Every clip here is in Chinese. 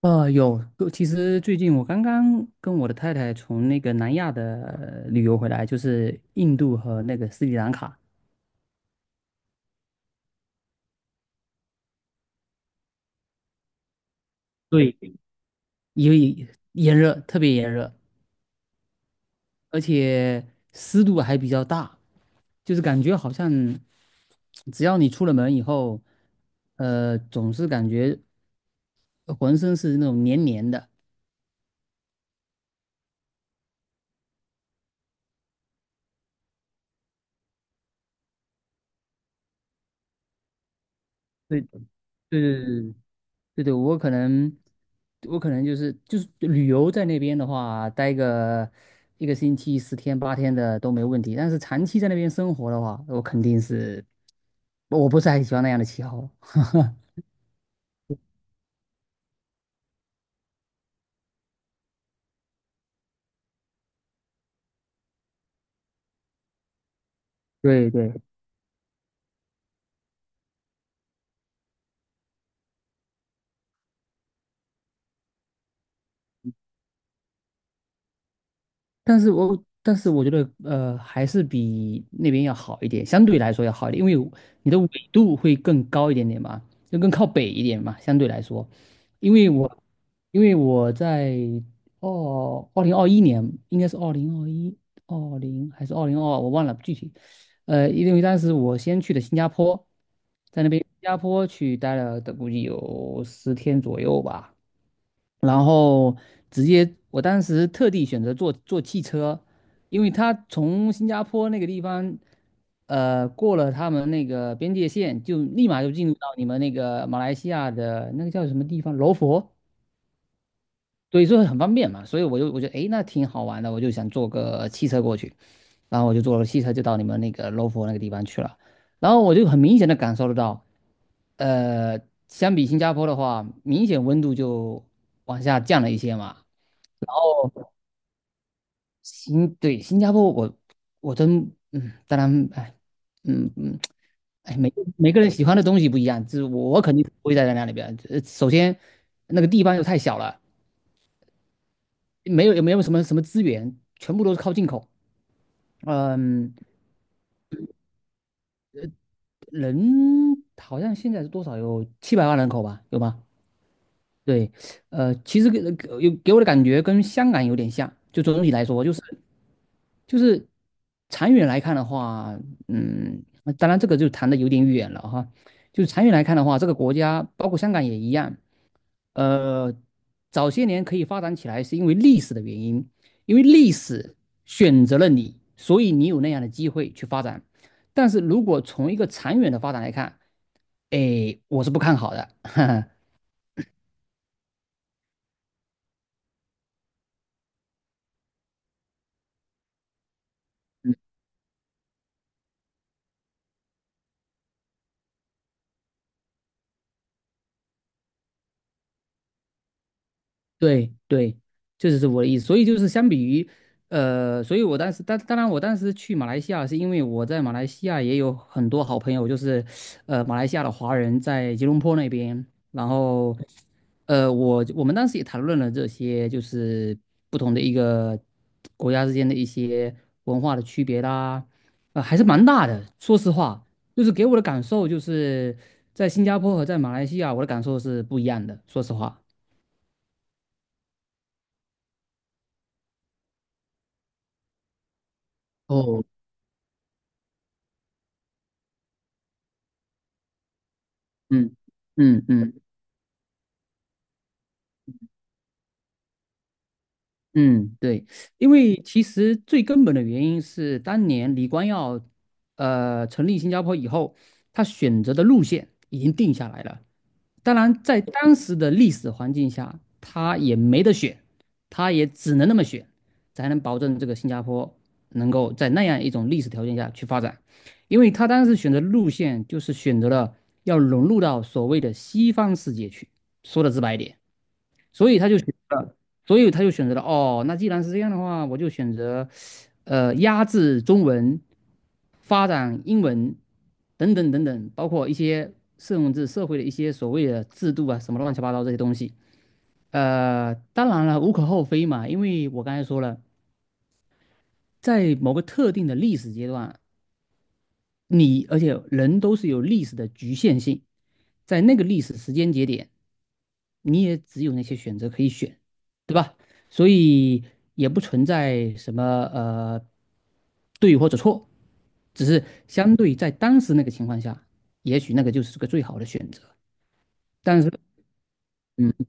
有，其实最近我刚刚跟我的太太从那个南亚的旅游回来，就是印度和那个斯里兰卡，对，因为炎热，特别炎热，而且湿度还比较大，就是感觉好像只要你出了门以后，总是感觉浑身是那种黏黏的。对对对对对对，我可能就是旅游在那边的话，待个一个星期、十天八天的都没问题。但是长期在那边生活的话，我肯定是，我不是很喜欢那样的气候。对对。但是我觉得还是比那边要好一点，相对来说要好一点，因为你的纬度会更高一点点嘛，就更靠北一点嘛，相对来说，因为我因为我在哦2021年应该是二零二一还是2022我忘了具体，因为当时我先去的新加坡，在那边新加坡去待了的估计有十天左右吧。然后直接我当时特地选择坐汽车，因为他从新加坡那个地方，过了他们那个边界线，就立马就进入到你们那个马来西亚的那个叫什么地方，罗佛，所以说很方便嘛，所以我就得诶，那挺好玩的，我就想坐个汽车过去，然后我就坐了汽车就到你们那个罗佛那个地方去了，然后我就很明显的感受得到。呃，相比新加坡的话，明显温度就往下降了一些嘛。哦，对新加坡我真当然哎，嗯嗯哎，每个人喜欢的东西不一样，就是我肯定不会待在那里边。首先那个地方又太小了，没有也没有什么什么资源，全部都是靠进口。嗯，人好像现在是多少有700万人口吧，有吗？对，其实给我的感觉跟香港有点像，就总体来说，就是长远来看的话，嗯，当然这个就谈的有点远了哈。就是长远来看的话，这个国家包括香港也一样，呃，早些年可以发展起来是因为历史的原因，因为历史选择了你，所以你有那样的机会去发展。但是如果从一个长远的发展来看，哎，我是不看好的。对对，这就是我的意思。所以就是相比于，所以我当时，当然我当时去马来西亚是因为我在马来西亚也有很多好朋友，就是，马来西亚的华人在吉隆坡那边，然后，我们当时也谈论了这些，就是不同的一个国家之间的一些文化的区别啦，还是蛮大的。说实话，就是给我的感受就是在新加坡和在马来西亚，我的感受是不一样的。说实话。哦，嗯嗯嗯嗯，对，因为其实最根本的原因是，当年李光耀成立新加坡以后，他选择的路线已经定下来了。当然，在当时的历史环境下，他也没得选，他也只能那么选，才能保证这个新加坡能够在那样一种历史条件下去发展。因为他当时选择路线就是选择了要融入到所谓的西方世界去，说的直白一点。所以他就选择了所以他就选择了哦，那既然是这样的话，我就选择，压制中文，发展英文，等等等等，包括一些甚至社会的一些所谓的制度啊，什么乱七八糟这些东西。当然了，无可厚非嘛，因为我刚才说了，在某个特定的历史阶段，你而且人都是有历史的局限性，在那个历史时间节点，你也只有那些选择可以选，对吧？所以也不存在什么呃对或者错，只是相对在当时那个情况下，也许那个就是个最好的选择。但是，嗯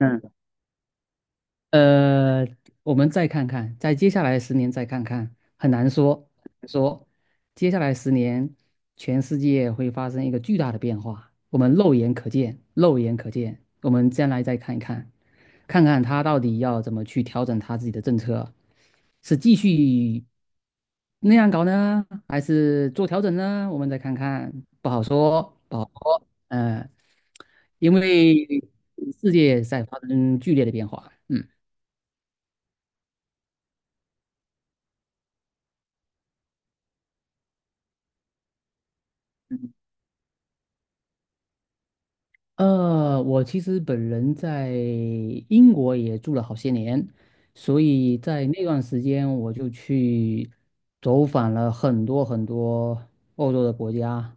嗯。呃，我们再看看，在接下来十年再看看，很难说，很难说接下来十年，全世界会发生一个巨大的变化，我们肉眼可见，肉眼可见，我们将来再看一看，看看他到底要怎么去调整他自己的政策，是继续那样搞呢，还是做调整呢？我们再看看，不好说，不好说，嗯、因为世界在发生剧烈的变化，嗯。我其实本人在英国也住了好些年，所以在那段时间我就去走访了很多很多欧洲的国家，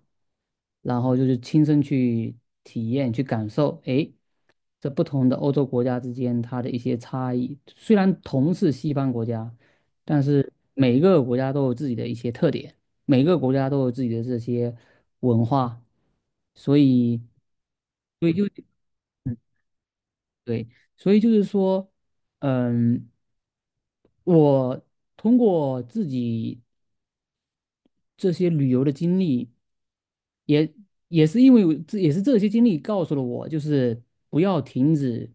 然后就是亲身去体验、去感受，诶，这不同的欧洲国家之间它的一些差异。虽然同是西方国家，但是每一个国家都有自己的一些特点，每个国家都有自己的这些文化，所以，所以就对，所以就是说，嗯，我通过自己这些旅游的经历，也也是因为我这也是这些经历告诉了我，就是不要停止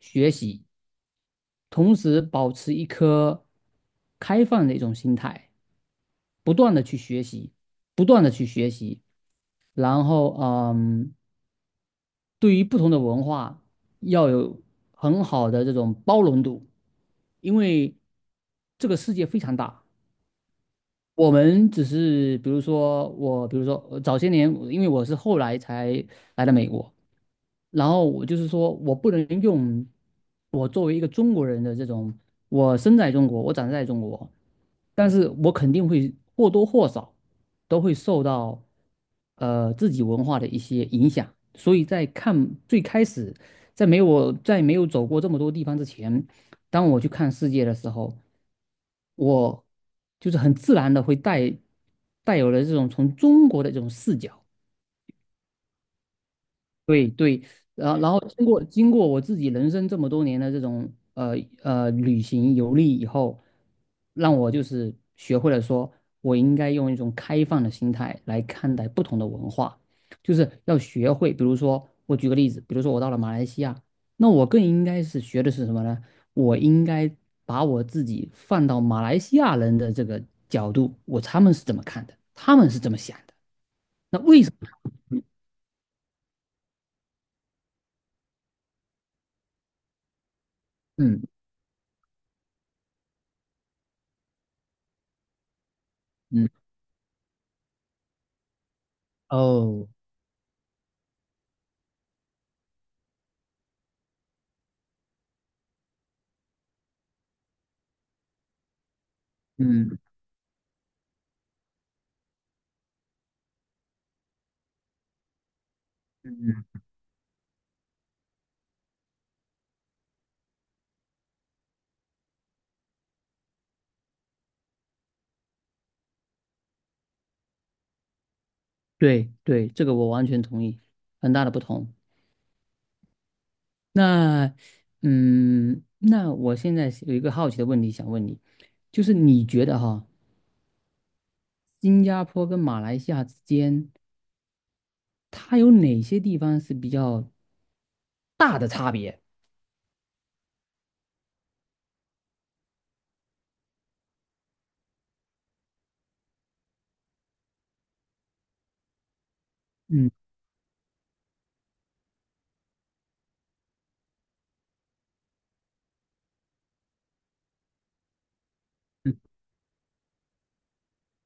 学习，同时保持一颗开放的一种心态。不断的去学习，不断的去学习，然后对于不同的文化要有很好的这种包容度，因为这个世界非常大，我们只是比如说我，比如说早些年，因为我是后来才来的美国，然后我就是说我不能用我作为一个中国人的这种，我生在中国，我长在中国，但是我肯定会或多或少都会受到自己文化的一些影响，所以在看最开始，在没有我在没有走过这么多地方之前，当我去看世界的时候，我就是很自然的会带有了这种从中国的这种视角。对对，然后经过我自己人生这么多年的这种旅行游历以后，让我就是学会了说，我应该用一种开放的心态来看待不同的文化，就是要学会，比如说我举个例子，比如说我到了马来西亚，那我更应该是学的是什么呢？我应该把我自己放到马来西亚人的这个角度，他们是怎么看的，他们是怎么想的，那为什么？嗯嗯哦。嗯嗯对对，这个我完全同意，很大的不同。那，那我现在是有一个好奇的问题想问你，就是你觉得哈，新加坡跟马来西亚之间，它有哪些地方是比较大的差别？嗯嗯，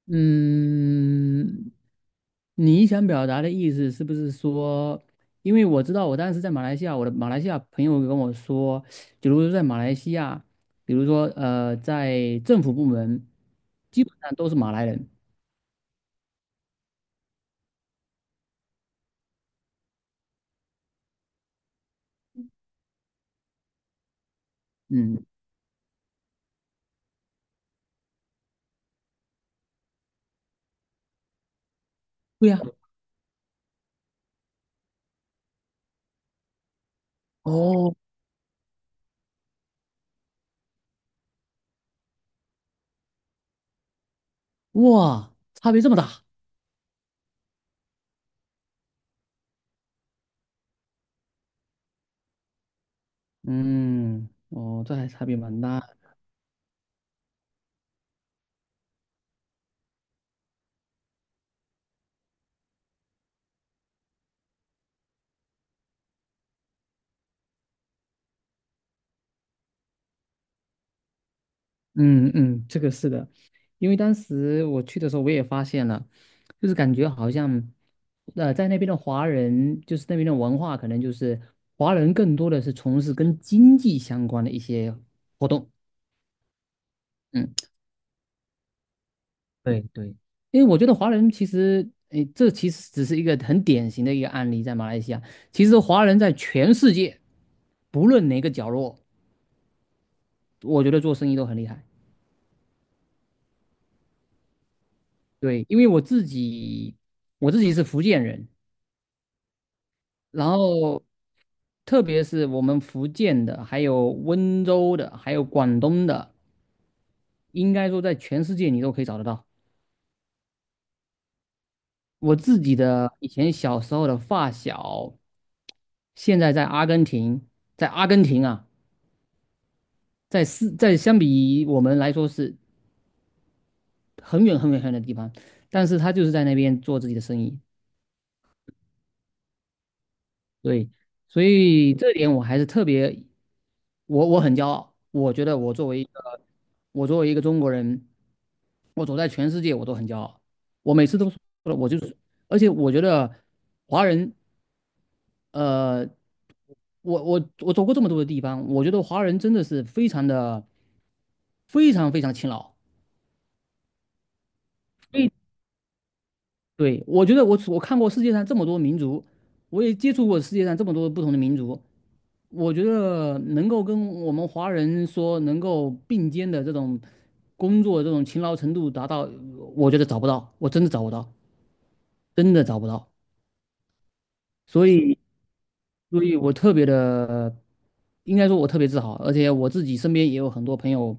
嗯你想表达的意思是不是说，因为我知道我当时在马来西亚，我的马来西亚朋友跟我说，比如说在马来西亚，比如说在政府部门，基本上都是马来人。嗯，对呀。哦，哇，差别这么大。嗯，哦，这还差别蛮大。嗯嗯，这个是的，因为当时我去的时候，我也发现了，就是感觉好像，在那边的华人，就是那边的文化，可能就是华人更多的是从事跟经济相关的一些活动。嗯，对对，因为我觉得华人其实，诶，这其实只是一个很典型的一个案例，在马来西亚，其实华人在全世界，不论哪个角落，我觉得做生意都很厉害。对，因为我自己，是福建人，然后特别是我们福建的，还有温州的，还有广东的，应该说在全世界你都可以找得到。我自己的以前小时候的发小，现在在阿根廷，在阿根廷啊，是在相比我们来说是很远很远很远的地方，但是他就是在那边做自己的生意，对，所以这点我还是特别。我很骄傲，我觉得我作为一个中国人，我走在全世界我都很骄傲。我每次都说了，我就是，而且我觉得华人，呃，我走过这么多的地方，我觉得华人真的是非常的非常非常勤劳。对，我觉得我看过世界上这么多民族，我也接触过世界上这么多不同的民族，我觉得能够跟我们华人说能够并肩的这种工作这种勤劳程度达到，我觉得找不到，我真的找不到，真的找不到。所以，我特别的，应该说我特别自豪，而且我自己身边也有很多朋友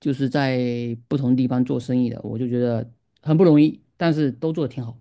就是在不同地方做生意的，我就觉得很不容易，但是都做得挺好。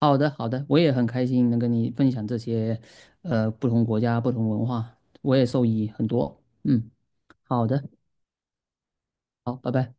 好的，好的，我也很开心能跟你分享这些，不同国家、不同文化，我也受益很多。嗯，好的，好，拜拜。